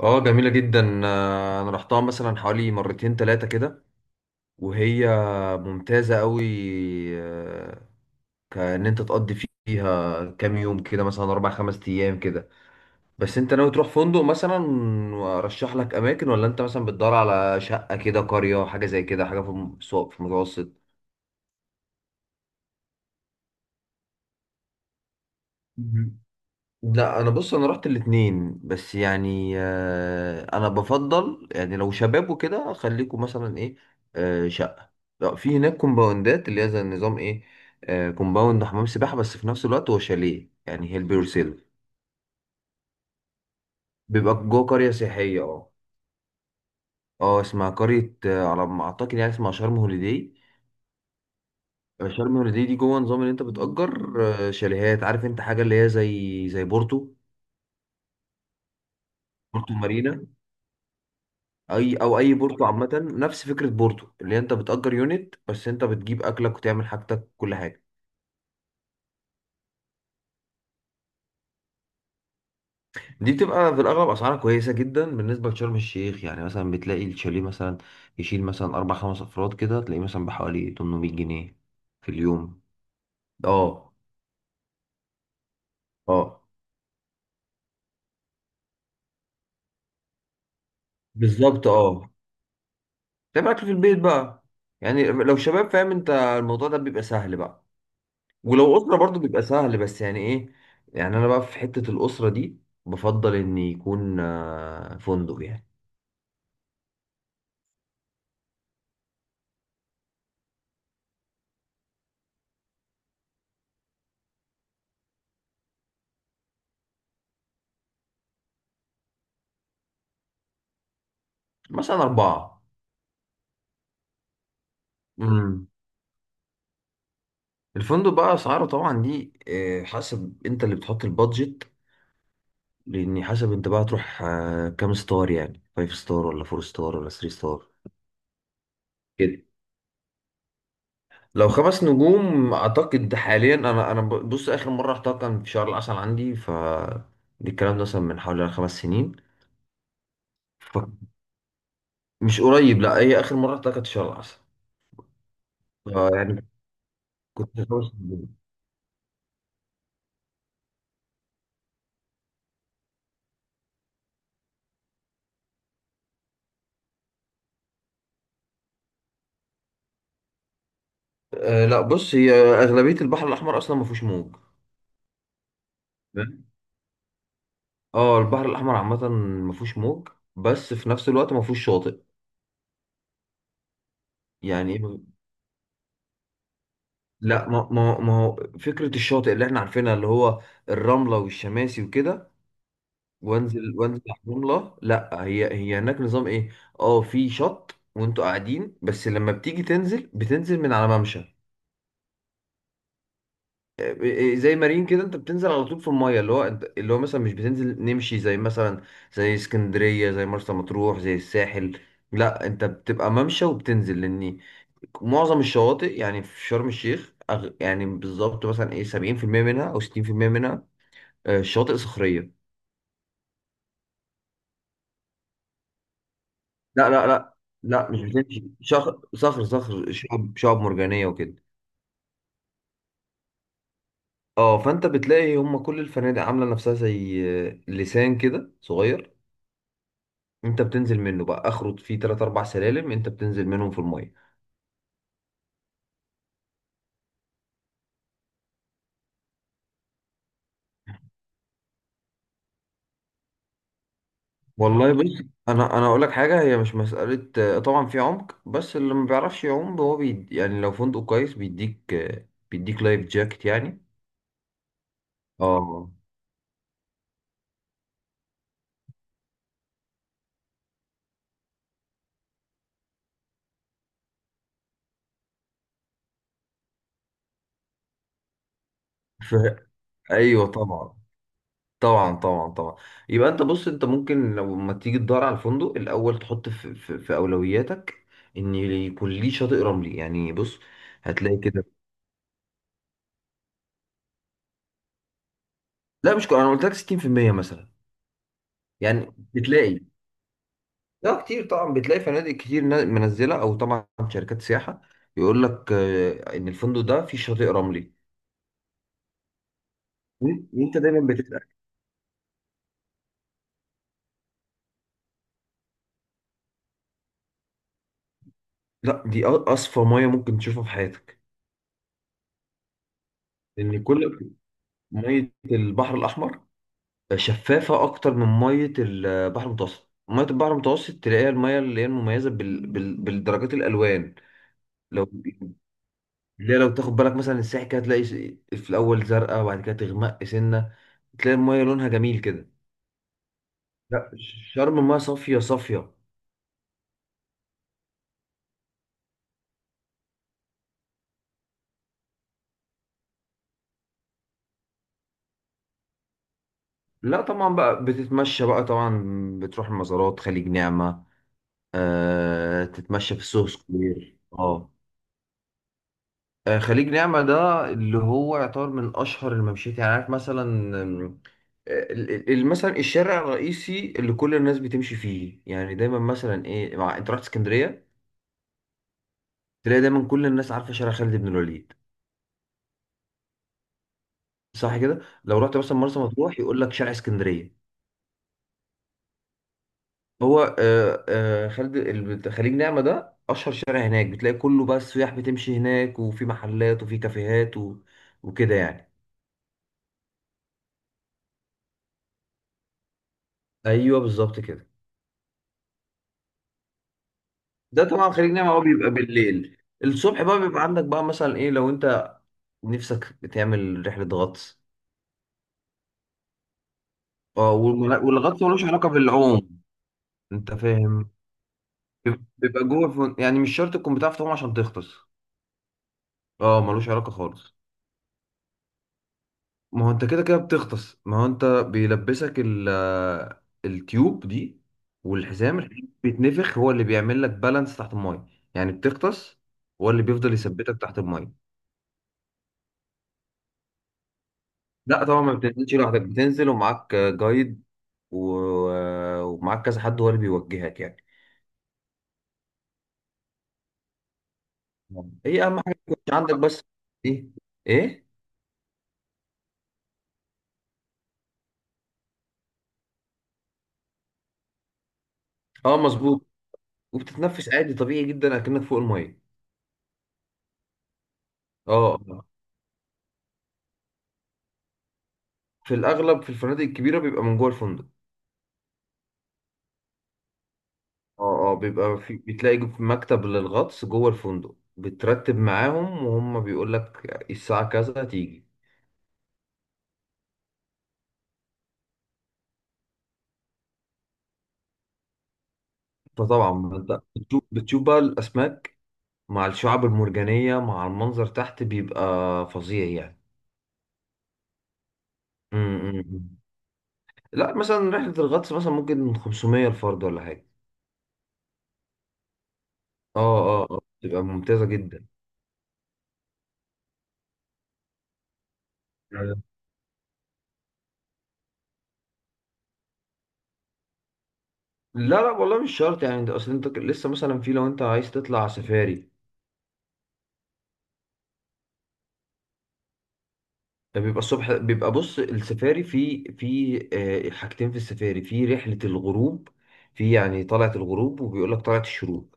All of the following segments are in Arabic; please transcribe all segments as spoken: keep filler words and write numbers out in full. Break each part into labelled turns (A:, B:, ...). A: اه جميلة جدا. آه، انا رحتها مثلا حوالي مرتين تلاتة كده وهي ممتازة قوي. آه، كأن انت تقضي فيها كام يوم كده مثلا اربع خمس ايام كده. بس انت ناوي تروح فندق مثلا وارشح لك اماكن، ولا انت مثلا بتدور على شقة كده، قرية، حاجة زي كده، حاجة في الم- في المتوسط؟ لا انا بص، انا رحت الاتنين، بس يعني آه، انا بفضل يعني لو شباب وكده خليكم مثلا ايه، آه، شقه. لا، في هناك كومباوندات اللي هي زي النظام ايه، آه، كومباوند، حمام سباحه، بس في نفس الوقت هو شاليه، يعني هيل بيور سيلف. بيبقى جوه قريه سياحيه، اه. اه اسمها قريه آه، على ما اعتقد يعني اسمها شرم هوليداي. آه، شرم هوليداي دي جوه نظام اللي انت بتأجر آه، شاليهات، عارف انت حاجه اللي هي زي زي بورتو، بورتو مارينا. اي او اي بورتو عامه نفس فكره بورتو، اللي انت بتأجر يونت بس انت بتجيب اكلك وتعمل حاجتك كل حاجه. دي بتبقى في الاغلب اسعارها كويسه جدا بالنسبه لشرم الشيخ، يعني مثلا بتلاقي الشاليه مثلا يشيل مثلا اربع خمس افراد كده، تلاقيه مثلا بحوالي تمنمية جنيه في اليوم. اه. اه بالظبط اه. تعمل اكل في البيت بقى، يعني لو شباب فاهم انت الموضوع ده بيبقى سهل بقى، ولو أسرة برضو بيبقى سهل، بس يعني إيه، يعني أنا بقى في حتة الأسرة دي بفضل إن يكون آه، فندق يعني. مثلا أربعة. امم. الفندق بقى أسعاره طبعا دي آه، حسب أنت اللي بتحط البادجت، لأن حسب أنت بقى تروح آه، كام ستار، يعني فايف ستار ولا فور ستار ولا ثري ستار كده. لو خمس نجوم أعتقد حاليا أنا أنا ب- بص، آخر مرة رحتها كان في شهر العسل عندي، ف دي الكلام ده مثلا من حوالي خمس سنين. مش قريب، لا، هي اخر مره طلعت كانت شهر العسل، آه، يعني. كنت خمس سنين. آه لا بص، هي اغلبيه البحر الاحمر اصلا ما فيهوش موج. فاهم؟ اه البحر الاحمر عامه ما فيهوش موج، بس في نفس الوقت ما فيهوش شاطئ. يعني إيه؟ لا ما ما ما هو فكره الشاطئ اللي احنا عارفينها اللي هو الرمله والشماسي وكده، وانزل وانزل على الرمله، لا هي هي هناك نظام ايه، اه في شط وانتوا قاعدين، بس لما بتيجي تنزل بتنزل من على ممشى. آه، زي مارين كده، انت بتنزل على طول في المايه، اللي هو انت اللي هو مثلا مش بتنزل نمشي زي مثلا زي اسكندريه، زي مرسى مطروح، زي الساحل. لا انت بتبقى ممشى وبتنزل، لان معظم الشواطئ يعني في شرم الشيخ أغ... يعني بالظبط مثلا ايه سبعين في المية منها او ستين في المية منها آه، شواطئ صخريه. لا لا لا لا مش بتمشي، شخ... صخر صخر شعب شعب مرجانيه وكده. اه فانت بتلاقي هم كل الفنادق عامله نفسها زي آه، لسان كده صغير، انت بتنزل منه بقى، اخره فيه تلات اربع سلالم انت بتنزل منهم في الميه. والله بص، انا انا اقول لك حاجه، هي مش مساله آه، طبعا في عمق، بس اللي ما بيعرفش يعوم هو بي يعني لو فندق كويس بيديك آه، بيديك لايف جاكيت يعني. اه ف... ايوه طبعا. طبعا طبعا طبعا يبقى انت بص، انت ممكن لما تيجي تدور على الفندق الاول تحط في, في, في اولوياتك ان يكون ليه شاطئ رملي، يعني بص هتلاقي كده. لا مش كو- انا قلت لك ستين في المية مثلا، يعني بتلاقي، لا كتير طبعا، بتلاقي فنادق كتير نا- منزله او طبعا شركات سياحه يقول لك آه، ان الفندق ده فيه شاطئ رملي، وإن- وانت دايما بتتاكد. لا دي أ- اصفى ميه ممكن تشوفها في حياتك، لان كل ميه البحر الاحمر شفافه اكتر من ميه البحر المتوسط. ميه البحر المتوسط تلاقيها الميه اللي هي المميزه بال... بال... بالدرجات الالوان. لو لا لو تاخد بالك مثلا الساحل كده، هتلاقي في الاول زرقاء وبعد كده تغمق سنه، تلاقي الميه لونها جميل كده. لا، شرم المايه صافية صافية. لا طبعا بقى بتتمشى بقى طبعا، بتروح المزارات، خليج نعمة، آه تتمشى في السوق سكوير، اه. آه، خليج نعمة ده اللي هو يعتبر من أشهر الممشيات، يعني عارف مثلا، آم، آه، ال- ال- ال- مثلا الشارع الرئيسي اللي كل الناس بتمشي فيه، يعني دايما مثلا ايه، مع انت رحت اسكندرية، تلاقي دايما كل الناس عارفة شارع خالد بن الوليد. صح كده؟ لو رحت مثلا مرسى مطروح يقول لك شارع اسكندرية. هو آه، آه، خالد الب- خليج نعمة ده أشهر شارع هناك، بتلاقي كله بقى السياح بتمشي هناك، وفي محلات وفي كافيهات و... وكده يعني. ايوه بالظبط كده. ده طبعا خليج نعمة هو بيبقى بالليل، الصبح بقى بيبقى عندك بقى مثلا إيه لو أنت نفسك تعمل رحلة غطس. اه والم- والغطس ملوش علاقة بالعوم، أنت فاهم. بيبقى جوه فن... يعني مش شرط تكون بتعرف تعوم عشان تغطس. اه ملوش علاقة خالص. ما هو انت كده كده بتغطس، ما هو انت بيلبسك ال التيوب دي، والحزام الحزام بيتنفخ هو اللي بيعمل لك بالانس تحت المايه، يعني بتغطس، هو اللي بيفضل يثبتك تحت المايه. لا طبعا ما بتنزلش لوحدك، بتنزل ومعاك جايد و- ومعاك كذا حد، هو اللي بيوجهك يعني. هي اهم حاجه يكون عندك بس، ايه، ايه. اه مظبوط، وبتتنفس عادي طبيعي جدا اكنك فوق المايه. اه في الاغلب في الفنادق الكبيره بيبقى من جوه الفندق. اه اه بيبقى في، بتلاقي في مكتب للغطس جوه الفندق، بترتب معاهم وهم بيقول لك الساعة كذا تيجي. فطبعا ما انت بتشوف، بتشوف بقى الأسماك مع الشعاب المرجانية مع المنظر تحت، بيبقى فظيع يعني. م- م- م. لا مثلا رحلة الغطس مثلا ممكن من خمسمية الفرد ولا حاجة. اه. اه اه بتبقى ممتازة جدا. لا لا والله مش شرط يعني، انت اصل انت لسه مثلا في، لو انت عايز تطلع سفاري، ده بيبقى الصبح، بيبقى بص السفاري في في آه، حاجتين في السفاري، في رحلة الغروب، في يعني طلعة الغروب، وبيقول لك طلعة الشروق.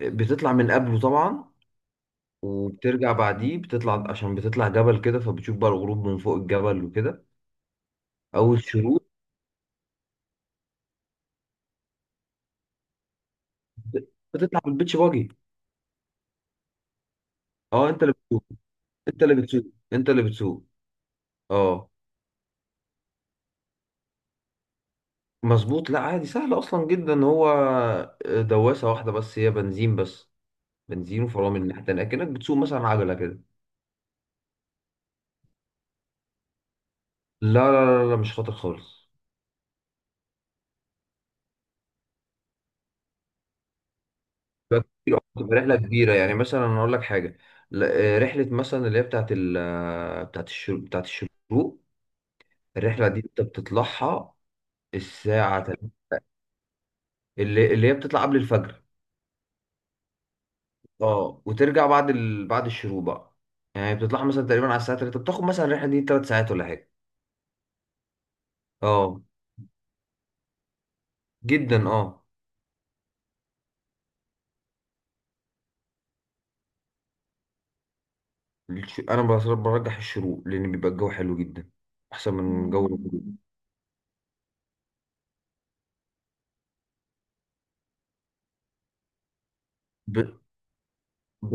A: بتطلع من قبله طبعا، وبترجع بعديه، بتطلع عشان بتطلع جبل كده، فبتشوف بقى الغروب من فوق الجبل وكده، او الشروق. بتطلع بالبيتش باجي. اه انت اللي بتسوق انت اللي بتسوق انت اللي بتسوق. اه مظبوط، لا عادي سهل اصلا جدا هو، آه، دواسة واحدة بس، هي بنزين بس، بنزين، وفرامل الناحية التانية، كأنك بتسوق مثلا عجلة كده. لا لا لا لا، مش خاطر خالص. بتبقى كتير أوي، بتبقى رحلة كبيرة، يعني مثلا أنا أقول لك حاجة، لا، آه، رحلة مثلا اللي هي بتاعت ال آه، بتاعت الشروق، بتاعت الشروق الرحلة دي أنت بتطلعها الساعة تل- اللي اللي هي بتطلع قبل الفجر، أه وترجع بعد ال... بعد الشروق بقى، يعني بتطلعها مثلا تقريبا على الساعة تلاتة، بتاخد مثلا الرحلة دي 3 ساعات ولا حاجة. أه جدا أه. الش- أنا بصراحة برجح الشروق، لأن بيبقى الجو حلو جدا، أحسن من جو الغروب. ب...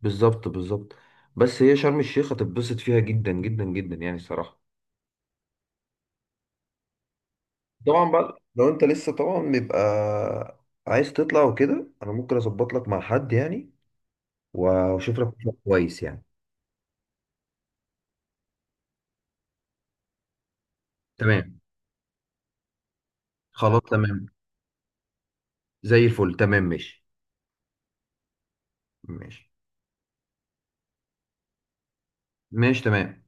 A: بالظبط بالظبط، بس هي شرم الشيخ هتتبسط فيها جدا جدا جدا يعني الصراحة. طبعا بقى لو انت لسه طبعا بيبقى عايز تطلع وكده، انا ممكن اظبط لك مع حد يعني، واشوف لك مكان كويس يعني. تمام، خلاص تمام، زي الفل، تمام ماشي، ماشي ماشي تمام.